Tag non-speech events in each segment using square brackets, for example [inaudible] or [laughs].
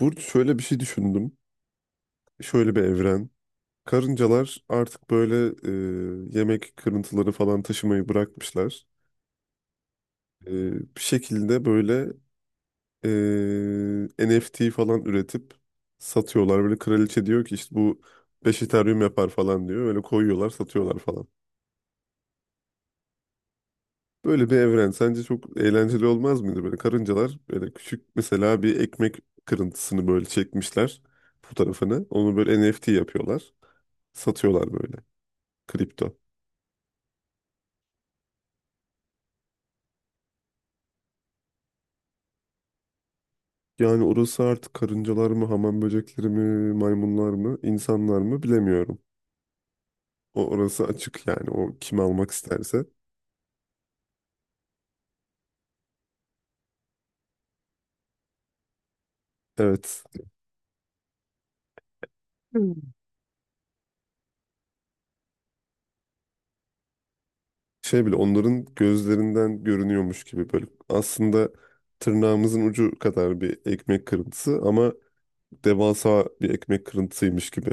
Burcu şöyle bir şey düşündüm. Şöyle bir evren. Karıncalar artık böyle yemek kırıntıları falan taşımayı bırakmışlar. E, Bir şekilde böyle e, NFT falan üretip satıyorlar. Böyle kraliçe diyor ki işte bu 5 Ethereum yapar falan diyor. Böyle koyuyorlar satıyorlar falan. Böyle bir evren sence çok eğlenceli olmaz mıydı? Böyle karıncalar böyle küçük, mesela bir ekmek kırıntısını böyle çekmişler fotoğrafını. Onu böyle NFT yapıyorlar. Satıyorlar böyle kripto. Yani orası artık karıncalar mı, hamam böcekleri mi, maymunlar mı, insanlar mı bilemiyorum. O, orası açık yani, o kim almak isterse. Evet. Hmm. Şey bile onların gözlerinden görünüyormuş gibi böyle. Aslında tırnağımızın ucu kadar bir ekmek kırıntısı ama devasa bir ekmek kırıntısıymış gibi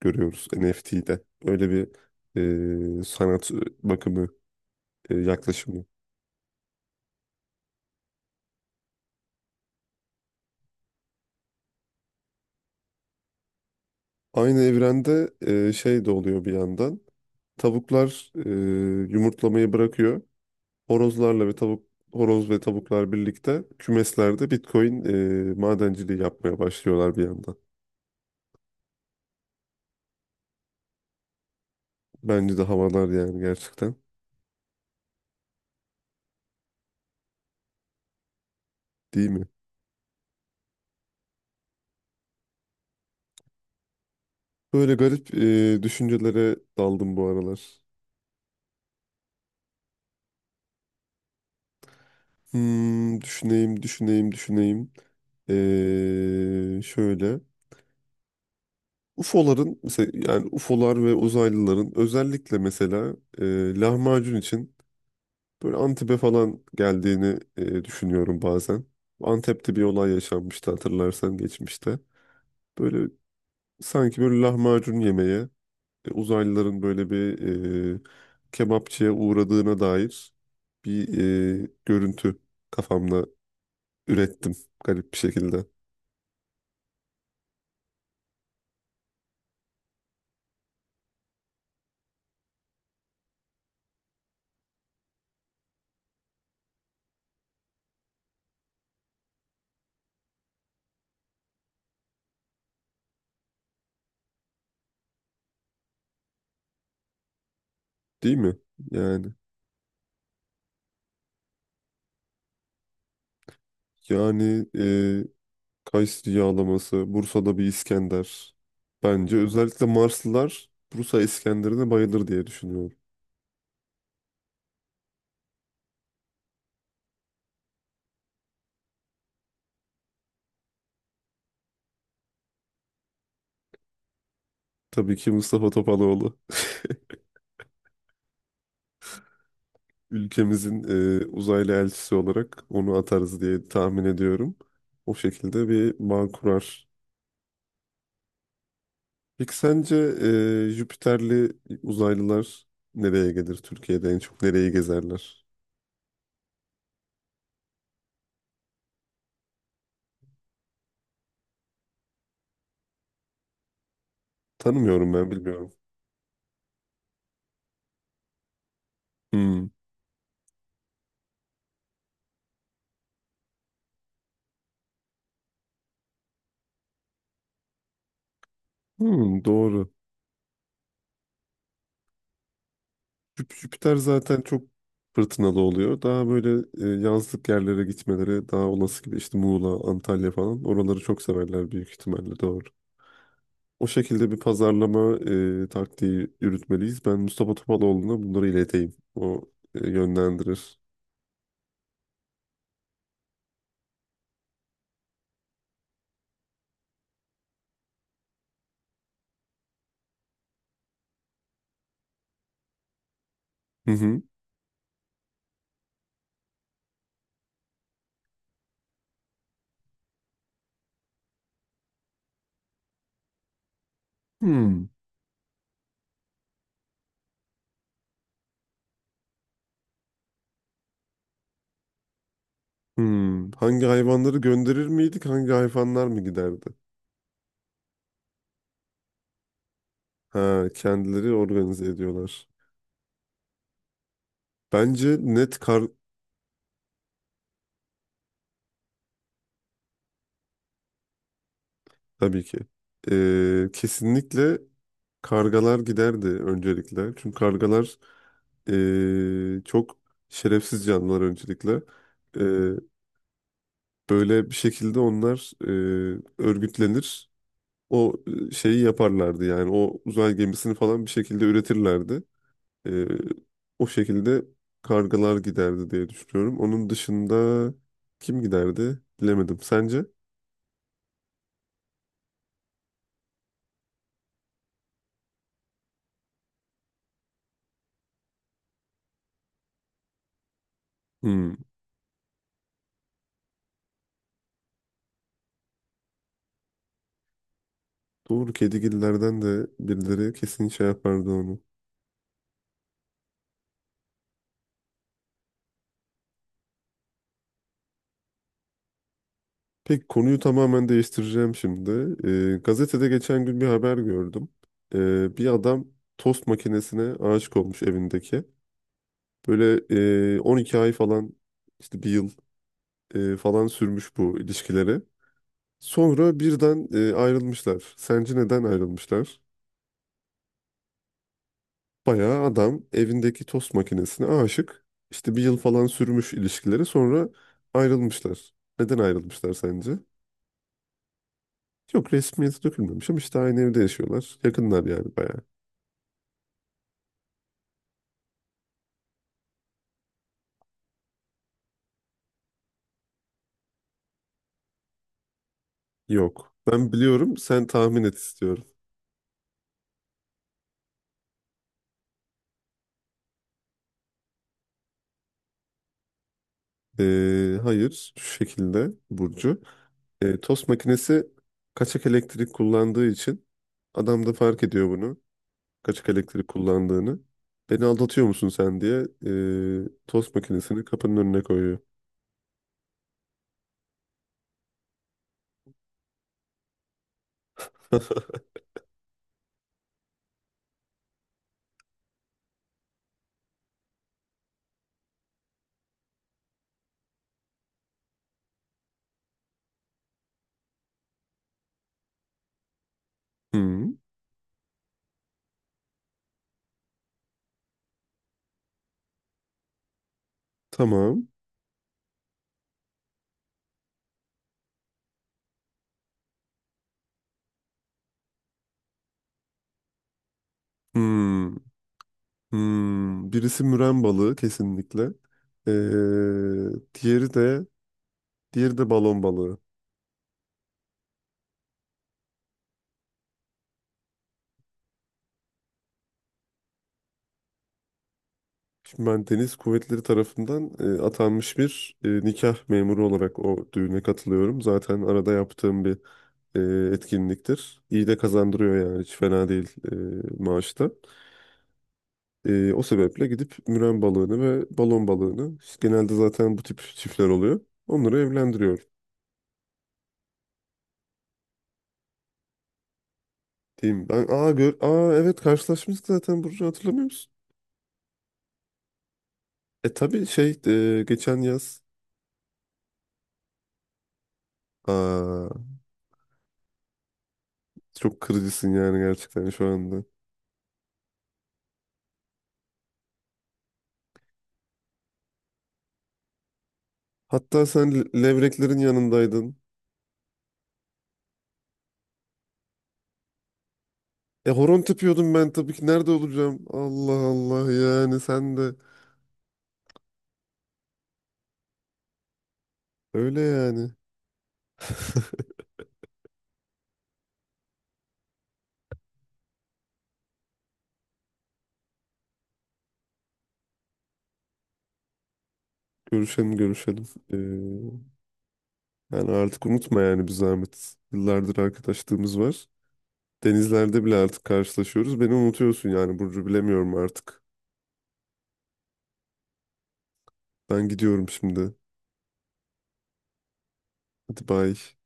görüyoruz NFT'de. Öyle bir sanat bakımı, yaklaşımı. Aynı evrende şey de oluyor bir yandan. Tavuklar yumurtlamayı bırakıyor. Horozlarla ve horoz ve tavuklar birlikte kümeslerde Bitcoin madenciliği yapmaya başlıyorlar bir yandan. Bence de havalar yani, gerçekten. Değil mi? Böyle garip düşüncelere daldım bu aralar. Hmm, düşüneyim, düşüneyim, düşüneyim. Şöyle. UFO'ların mesela, yani UFO'lar ve uzaylıların özellikle mesela lahmacun için böyle Antep'e falan geldiğini düşünüyorum bazen. Antep'te bir olay yaşanmıştı, hatırlarsan, geçmişte. Böyle sanki böyle lahmacun yemeye uzaylıların böyle bir e, kebapçıya uğradığına dair bir görüntü kafamda ürettim garip bir şekilde. Değil mi? Yani yani Kayseri yağlaması, Bursa'da bir İskender. Bence özellikle Marslılar Bursa İskender'ine bayılır diye düşünüyorum. Tabii ki Mustafa Topaloğlu. Ülkemizin uzaylı elçisi olarak onu atarız diye tahmin ediyorum. O şekilde bir bağ kurar. Peki sence Jüpiterli uzaylılar nereye gelir? Türkiye'de en çok nereyi gezerler? Tanımıyorum ben, bilmiyorum. Hmm. Hmm, doğru. Jüpiter zaten çok fırtınalı oluyor. Daha böyle yazlık yerlere gitmeleri daha olası gibi, işte Muğla, Antalya falan. Oraları çok severler büyük ihtimalle, doğru. O şekilde bir pazarlama taktiği yürütmeliyiz. Ben Mustafa Topaloğlu'na bunları ileteyim. O yönlendirir. Hı hı. Hmm. Hmm. Hangi hayvanları gönderir miydik? Hangi hayvanlar mı giderdi? Ha, kendileri organize ediyorlar. Bence net kar tabii ki. Kesinlikle kargalar giderdi öncelikle. Çünkü kargalar çok şerefsiz canlılar öncelikle. Böyle bir şekilde onlar örgütlenir. O şeyi yaparlardı, yani o uzay gemisini falan bir şekilde üretirlerdi. E, o şekilde kargalar giderdi diye düşünüyorum. Onun dışında kim giderdi bilemedim. Sence? Hmm, doğru, kedigillerden de birileri kesin şey yapardı onu. Peki konuyu tamamen değiştireceğim şimdi. Gazetede geçen gün bir haber gördüm. Bir adam tost makinesine aşık olmuş evindeki. Böyle 12 ay falan, işte bir yıl falan sürmüş bu ilişkileri. Sonra birden ayrılmışlar. Sence neden ayrılmışlar? Bayağı adam evindeki tost makinesine aşık. İşte bir yıl falan sürmüş ilişkileri, sonra ayrılmışlar. Neden ayrılmışlar sence? Yok, resmiyeti dökülmemiş ama işte aynı evde yaşıyorlar. Yakınlar yani, bayağı. Yok. Ben biliyorum, sen tahmin et istiyorum. Hayır, şu şekilde Burcu. Tost makinesi kaçak elektrik kullandığı için adam da fark ediyor bunu. Kaçak elektrik kullandığını. Beni aldatıyor musun sen diye tost makinesini kapının önüne koyuyor. [laughs] Hmm, tamam. Hmm, hmm. Birisi müren balığı kesinlikle. Ee, diğeri de diğeri de balon balığı. Şimdi ben Deniz Kuvvetleri tarafından atanmış bir nikah memuru olarak o düğüne katılıyorum. Zaten arada yaptığım bir e, etkinliktir. İyi de kazandırıyor yani, hiç fena değil maaşta. O sebeple gidip müren balığını ve balon balığını, işte genelde zaten bu tip çiftler oluyor. Onları evlendiriyor diyeyim. Ben aa gör aa evet, karşılaşmıştık zaten Burcu, hatırlamıyor musun? E tabii şey, geçen yaz aa çok kırıcısın yani gerçekten şu anda. Hatta sen levreklerin yanındaydın. E horon tepiyordum ben tabii ki, nerede olacağım? Allah Allah, yani sen de öyle yani. [laughs] Görüşelim, görüşelim. Ee, yani artık unutma yani, bir zahmet. Yıllardır arkadaşlığımız var. Denizlerde bile artık karşılaşıyoruz. Beni unutuyorsun yani Burcu, bilemiyorum artık. Ben gidiyorum şimdi. Hadi bay.